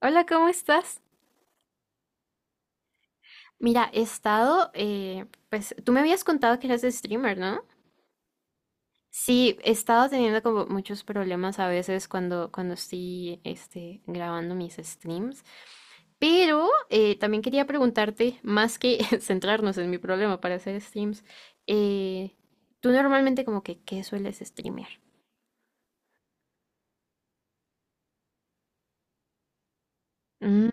Hola, ¿cómo estás? Mira, he estado, pues tú me habías contado que eras streamer, ¿no? Sí, he estado teniendo como muchos problemas a veces cuando estoy este, grabando mis streams, pero también quería preguntarte, más que centrarnos en mi problema para hacer streams, eh, tú normalmente como que, ¿qué sueles streamear? Mm,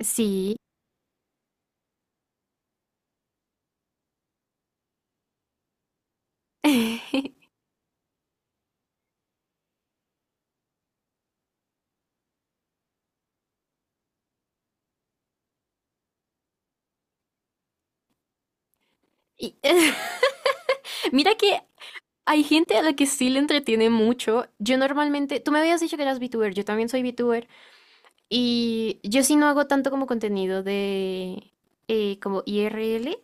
sí. Y- mira que hay gente a la que sí le entretiene mucho. Yo normalmente, tú me habías dicho que eras VTuber, yo también soy VTuber y yo sí no hago tanto como contenido de como IRL.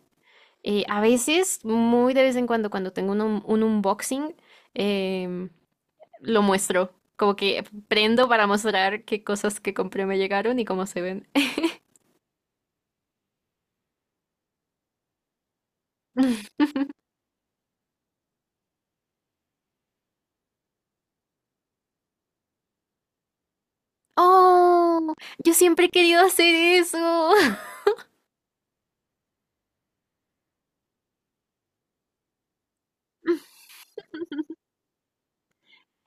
A veces, muy de vez en cuando, cuando tengo un, un unboxing, em, lo muestro. Como que prendo para mostrar qué cosas que compré me llegaron y cómo se ven. Oh, yo siempre he querido hacer eso.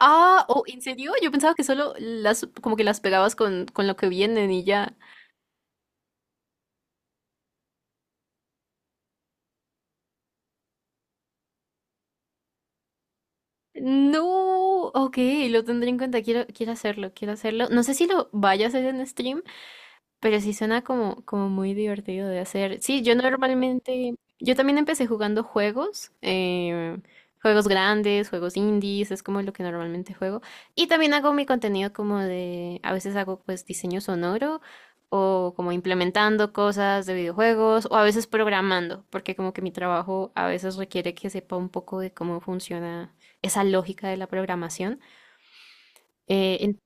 Ah, oh, ¿en serio? Yo pensaba que solo las, como que las pegabas con lo que vienen y ya. No, ok, lo tendré en cuenta, quiero, quiero hacerlo, quiero hacerlo. No sé si lo vaya a hacer en stream, pero sí suena como, como muy divertido de hacer. Sí, yo normalmente, yo también empecé jugando juegos, juegos grandes, juegos indies, es como lo que normalmente juego. Y también hago mi contenido como de, a veces hago pues diseño sonoro o como implementando cosas de videojuegos o a veces programando, porque como que mi trabajo a veces requiere que sepa un poco de cómo funciona esa lógica de la programación. Eh, en-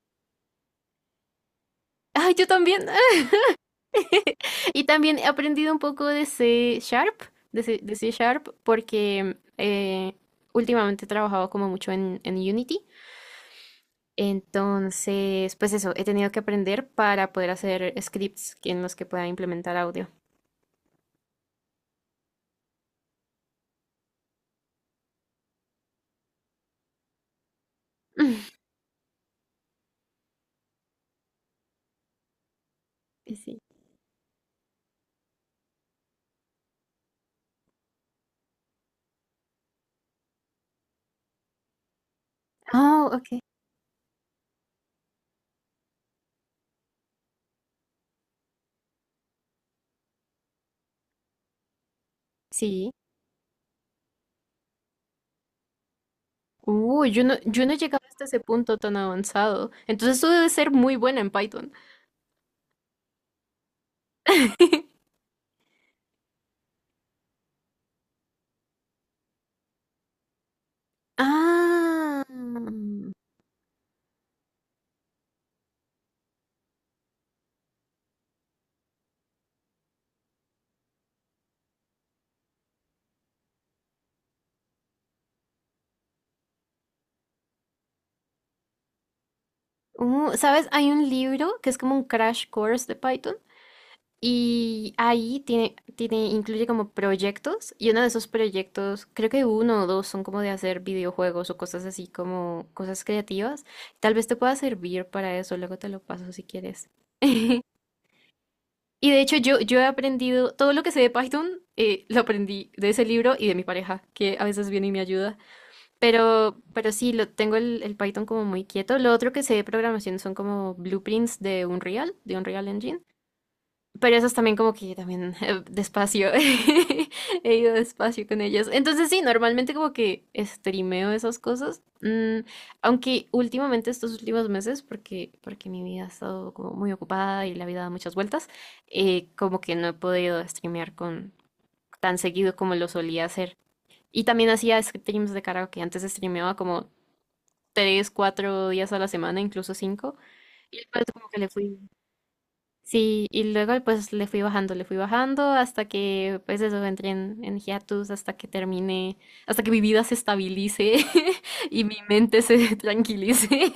¡Ay, yo también! Y también he aprendido un poco de C Sharp, porque últimamente he trabajado como mucho en Unity. Entonces, pues eso, he tenido que aprender para poder hacer scripts en los que pueda implementar audio. Y sí. Oh, ok. Sí. Yo no, yo no he llegado hasta ese punto tan avanzado. Entonces tú debes ser muy buena en Python. Ah. ¿Sabes? Hay un libro que es como un crash course de Python. Y ahí tiene, tiene, incluye como proyectos, y uno de esos proyectos, creo que uno o dos son como de hacer videojuegos o cosas así como cosas creativas. Tal vez te pueda servir para eso, luego te lo paso si quieres. Y de hecho yo, yo he aprendido, todo lo que sé de Python, lo aprendí de ese libro y de mi pareja, que a veces viene y me ayuda. Pero sí, lo, tengo el Python como muy quieto. Lo otro que sé de programación son como blueprints de Unreal Engine. Pero esos también como que también despacio, he ido despacio con ellos. Entonces sí, normalmente como que streameo esas cosas. Mm, aunque últimamente estos últimos meses, porque, porque mi vida ha estado como muy ocupada y la vida da muchas vueltas, como que no he podido streamear con tan seguido como lo solía hacer. Y también hacía streams de karaoke, antes streameaba como tres, cuatro días a la semana, incluso cinco, y después como que le fui. Sí, y luego pues le fui bajando hasta que pues eso entré en hiatus, hasta que termine, hasta que mi vida se estabilice y mi mente se tranquilice.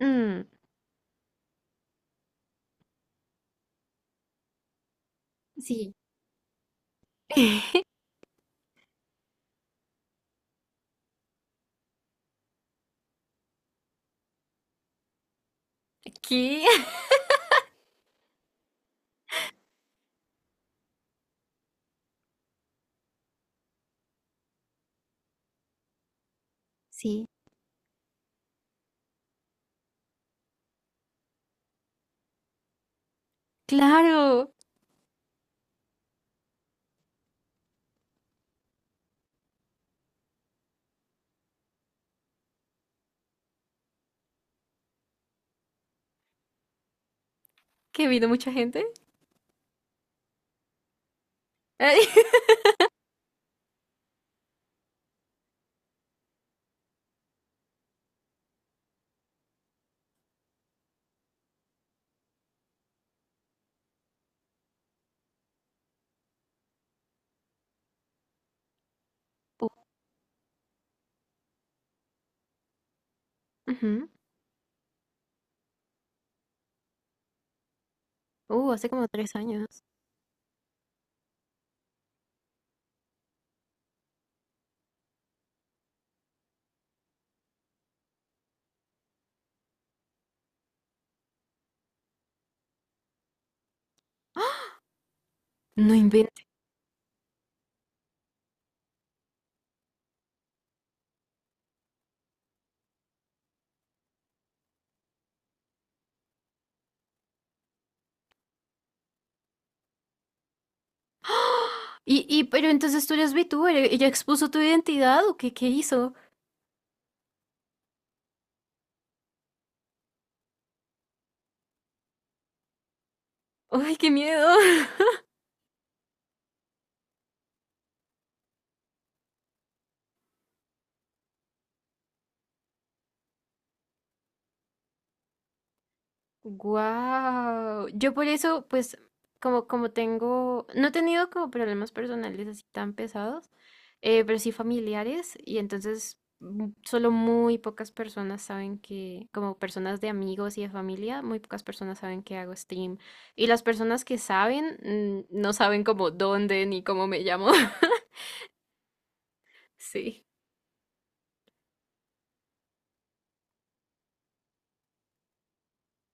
Mm, sí. ¿Qué? Sí. Claro, que vino mucha gente. Ay. Uh, ujú. Hace como tres años. No invento. Y, pero entonces tú eres VTuber, ¿ella expuso tu identidad o qué, qué hizo? ¡Ay, qué miedo! Wow, yo por eso, pues, como, como tengo, no he tenido como problemas personales así tan pesados, pero sí familiares, y entonces mm, solo muy pocas personas saben que, como personas de amigos y de familia, muy pocas personas saben que hago stream. Y las personas que saben, mm, no saben como dónde ni cómo me llamo. Sí.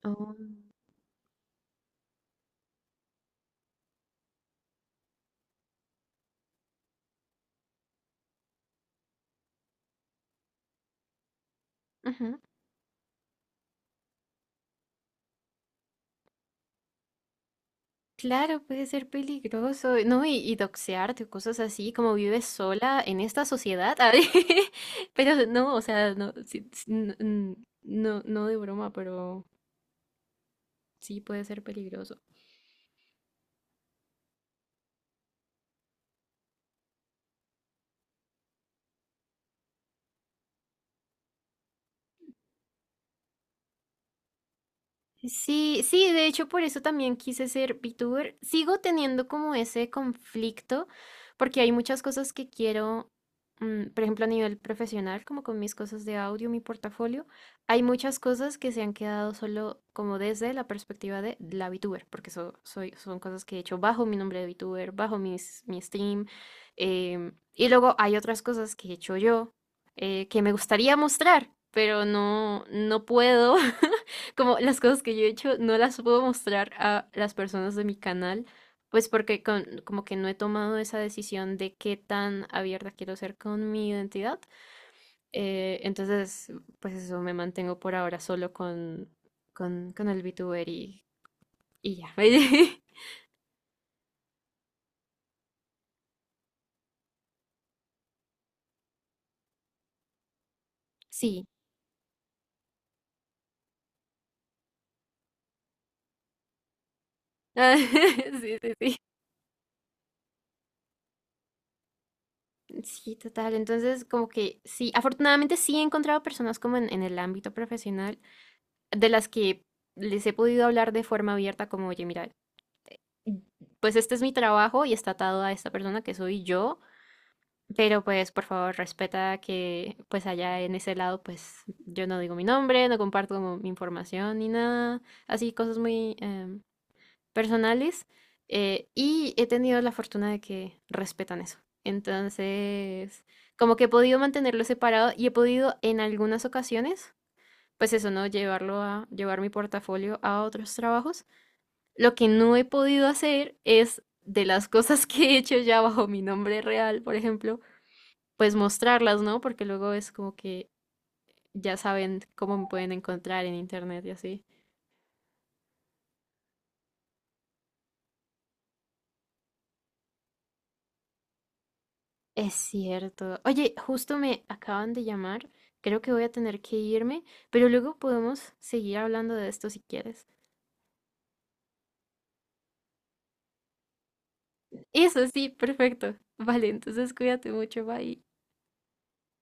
Oh. Claro, puede ser peligroso, ¿no? Y doxearte o cosas así, como vives sola en esta sociedad. A ver, pero no, o sea, no, sí, sí, no, no de broma, pero sí puede ser peligroso. Sí, sí, de hecho por eso también quise ser VTuber. Sigo teniendo como ese conflicto porque hay muchas cosas que quiero, mm, por ejemplo a nivel profesional, como con mis cosas de audio, mi portafolio, hay muchas cosas que se han quedado solo como desde la perspectiva de la VTuber, porque eso soy, son cosas que he hecho bajo mi nombre de VTuber, bajo mis, mi stream. Em, y luego hay otras cosas que he hecho yo que me gustaría mostrar, pero no, no puedo. Como las cosas que yo he hecho no las puedo mostrar a las personas de mi canal, pues porque como que no he tomado esa decisión de qué tan abierta quiero ser con mi identidad. Entonces, pues eso, me mantengo por ahora solo con el VTuber y ya. Sí. Ah, sí, sí, sí. Sí, total. Entonces, como que sí, afortunadamente sí he encontrado personas como en el ámbito profesional de las que les he podido hablar de forma abierta, como, oye, mira, pues este es mi trabajo y está atado a esta persona que soy yo, pero pues por favor respeta que pues allá en ese lado pues yo no digo mi nombre, no comparto como mi información ni nada, así cosas muy personales y he tenido la fortuna de que respetan eso. Entonces, como que he podido mantenerlo separado y he podido en algunas ocasiones, pues eso, ¿no? Llevarlo a, llevar mi portafolio a otros trabajos. Lo que no he podido hacer es, de las cosas que he hecho ya bajo mi nombre real, por ejemplo, pues mostrarlas, ¿no? Porque luego es como que ya saben cómo me pueden encontrar en internet y así. Es cierto. Oye, justo me acaban de llamar. Creo que voy a tener que irme, pero luego podemos seguir hablando de esto si quieres. Eso sí, perfecto. Vale, entonces cuídate mucho, bye.